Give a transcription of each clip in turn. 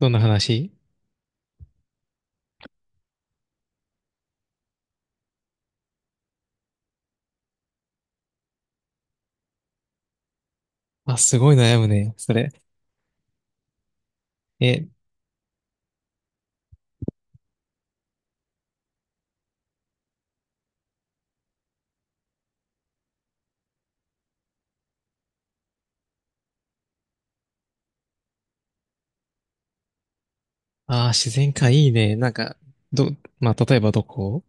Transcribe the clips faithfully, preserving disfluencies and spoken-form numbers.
どんな話？あ、すごい悩むね、それ。え、あー、自然かいいね。なんか、ど、まあ、例えばどこ？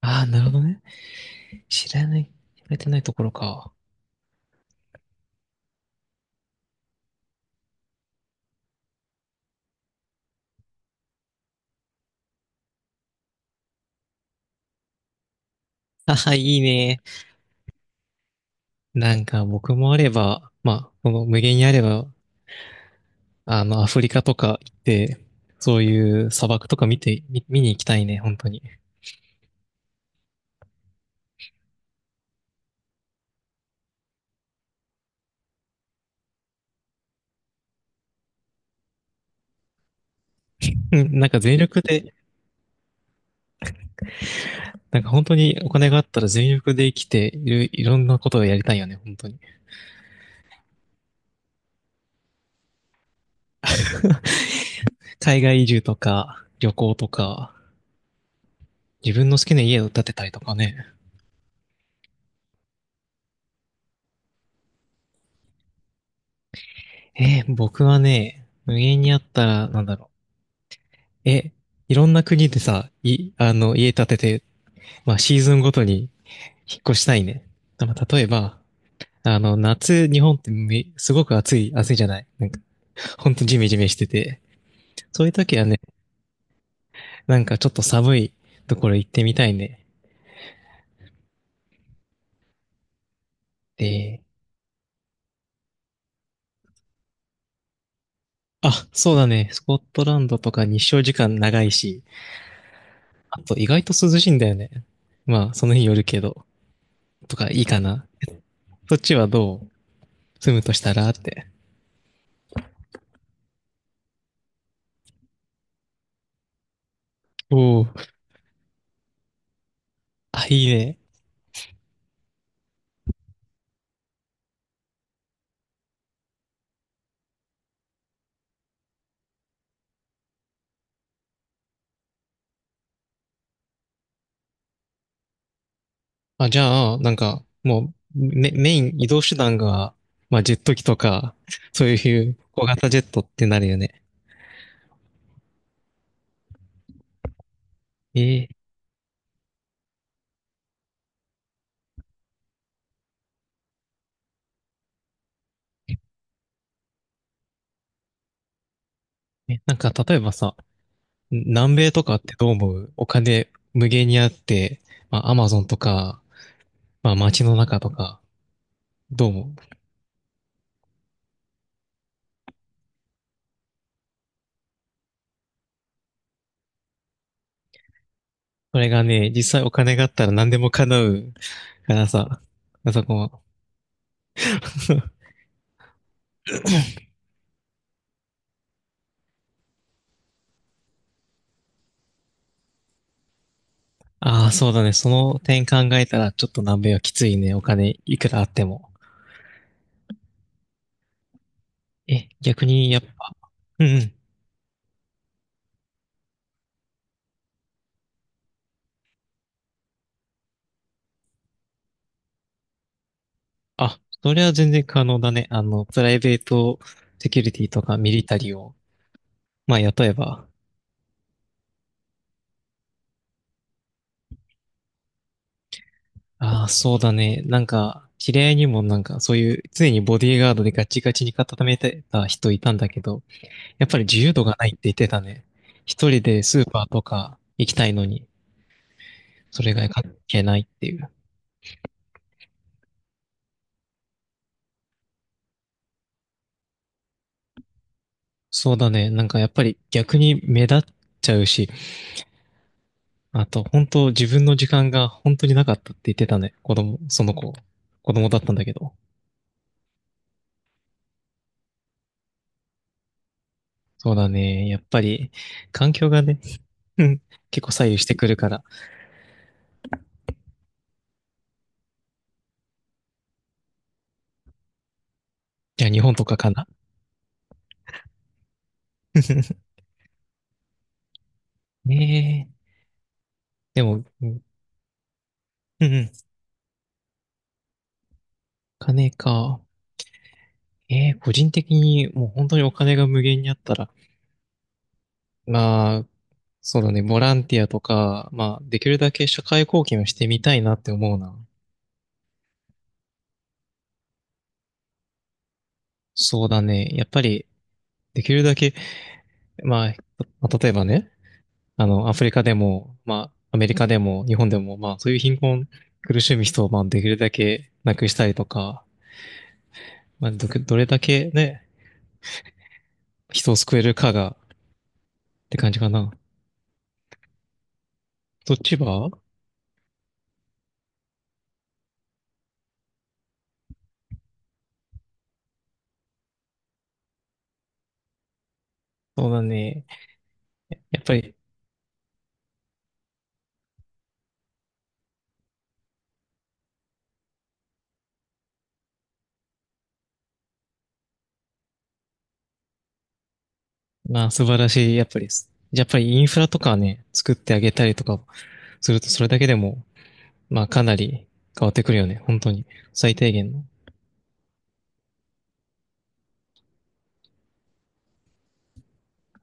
ああー、なるほどね。知らない、知られてないところか。ああ、いいね。なんか、僕もあれば、まあ、この無限にあれば、あの、アフリカとか行って、そういう砂漠とか見て、見、見に行きたいね、本当に。うん、なんか全力で、なんか本当にお金があったら全力で生きている、いろんなことをやりたいよね、本当に。海外移住とか、旅行とか、自分の好きな家を建てたりとかね。えー僕はね、無限にあったら、なんだろう。え、いろんな国でさ、い、あの、家建てて、まあ、シーズンごとに引っ越したいね。まあ、例えば、あの、夏、日本ってめ、すごく暑い、暑いじゃない。なんか、ほんとジメジメしてて。そういう時はね、なんかちょっと寒いところ行ってみたいね。で、あ、そうだね。スコットランドとか日照時間長いし、あと意外と涼しいんだよね。まあ、その日によるけど、とかいいかな。そっちはどう？住むとしたらって。おお。あ、いいね。あ、じゃあ、なんか、もう、メ、メイン移動手段が、まあ、ジェット機とか、そういう小型ジェットってなるよね。えーえ、なんか、例えばさ、南米とかってどう思う？お金無限にあって、まあ、アマゾンとか、まあ、街の中とか、どう思う？これがね、実際お金があったら何でも叶うからさ、あそこは。ああ、そうだね。その点考えたら、ちょっと南米はきついね。お金いくらあっても。え、逆に、やっぱ、うんうん。あ、それは全然可能だね。あの、プライベートセキュリティとかミリタリーを、まあ、雇えば。ああ、そうだね。なんか、知り合いにもなんか、そういう、常にボディーガードでガチガチに固めてた人いたんだけど、やっぱり自由度がないって言ってたね。一人でスーパーとか行きたいのに、それが関係ないっていう。そうだね。なんかやっぱり逆に目立っちゃうし、あと本当自分の時間が本当になかったって言ってたね。子供、その子、子供だったんだけど。そうだね。やっぱり環境がね、うん、結構左右してくるから。じゃあ日本とかかな。ねえ。でも、うんうん、お金か。ええ、個人的にもう本当にお金が無限にあったら、まあ、そうだね、ボランティアとか、まあ、できるだけ社会貢献をしてみたいなって思うな。そうだね。やっぱり、できるだけ、まあ、まあ例えばね、あの、アフリカでも、まあ、アメリカでも、日本でも、まあ、そういう貧困、苦しむ人を、まあ、できるだけなくしたりとか、まあ、ど、どれだけね、人を救えるかが、って感じかな。そっちは？そうだね。やっぱり、まあ、素晴らしい、やっぱり、やっぱりインフラとかね、作ってあげたりとかすると、それだけでも、まあ、かなり変わってくるよね。本当に。最低限の。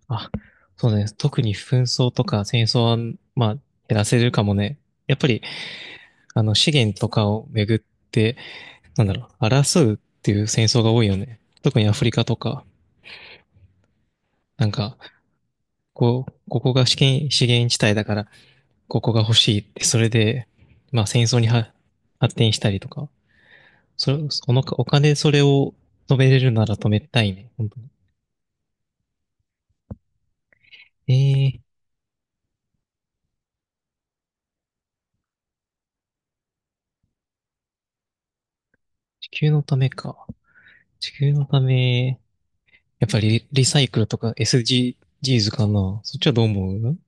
あ、そうです。特に紛争とか戦争は、まあ、減らせるかもね。やっぱり、あの、資源とかをめぐって、なんだろう、争うっていう戦争が多いよね。特にアフリカとか、なんか、こう、ここが資源、資源地帯だから、ここが欲しいって、それで、まあ、戦争には発展したりとか、それ、そのお金でそれを止めれるなら止めたいね。本当に。えー、地球のためか。地球のため、やっぱりリサイクルとか s g g s かな。そっちはどう思う？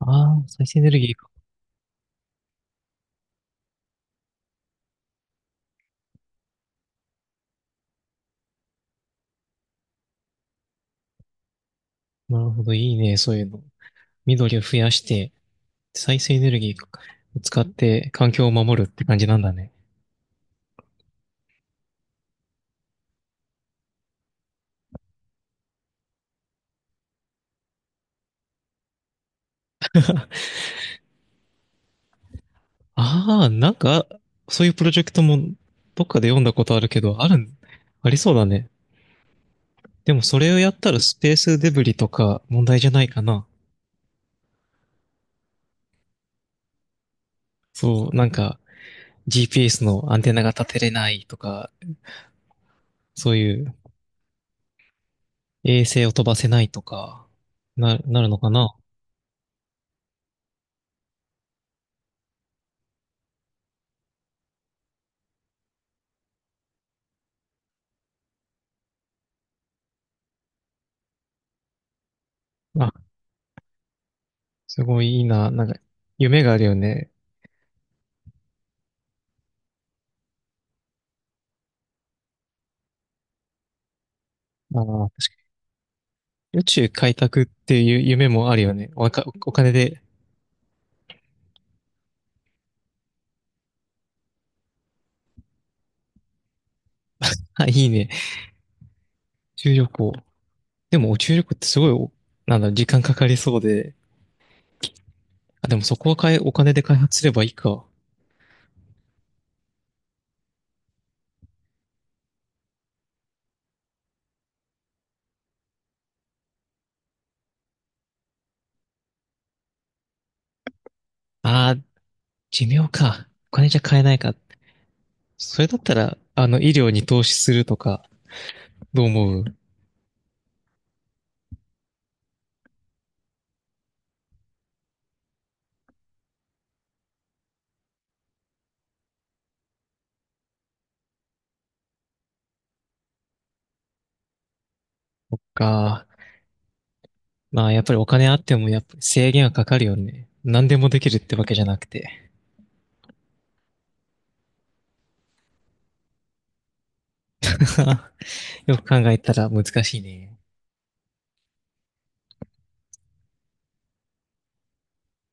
ああ、再生エネルギーか。なるほど、いいね、そういうの。緑を増やして、再生エネルギーを使って環境を守るって感じなんだね。ああ、なんか、そういうプロジェクトもどっかで読んだことあるけど、ある、ありそうだね。でもそれをやったらスペースデブリとか問題じゃないかな。そう、なんか ジーピーエス のアンテナが立てれないとか、そういう衛星を飛ばせないとか、な、なるのかな？あ、すごいいいな。なんか、夢があるよね。あー宇宙開拓っていう夢もあるよね。おか、お金で。あ、いいね。宇宙旅行。でも、宇宙旅行ってすごいお、なんだろう、時間かかりそうで。あ、でもそこはかえ、お金で開発すればいいか。ああ、寿命か。お金じゃ買えないか。それだったら、あの、医療に投資するとか、どう思う？そっか。まあ、やっぱりお金あっても、やっぱり制限はかかるよね。何でもできるってわけじゃなくて。よく考えたら難しいね。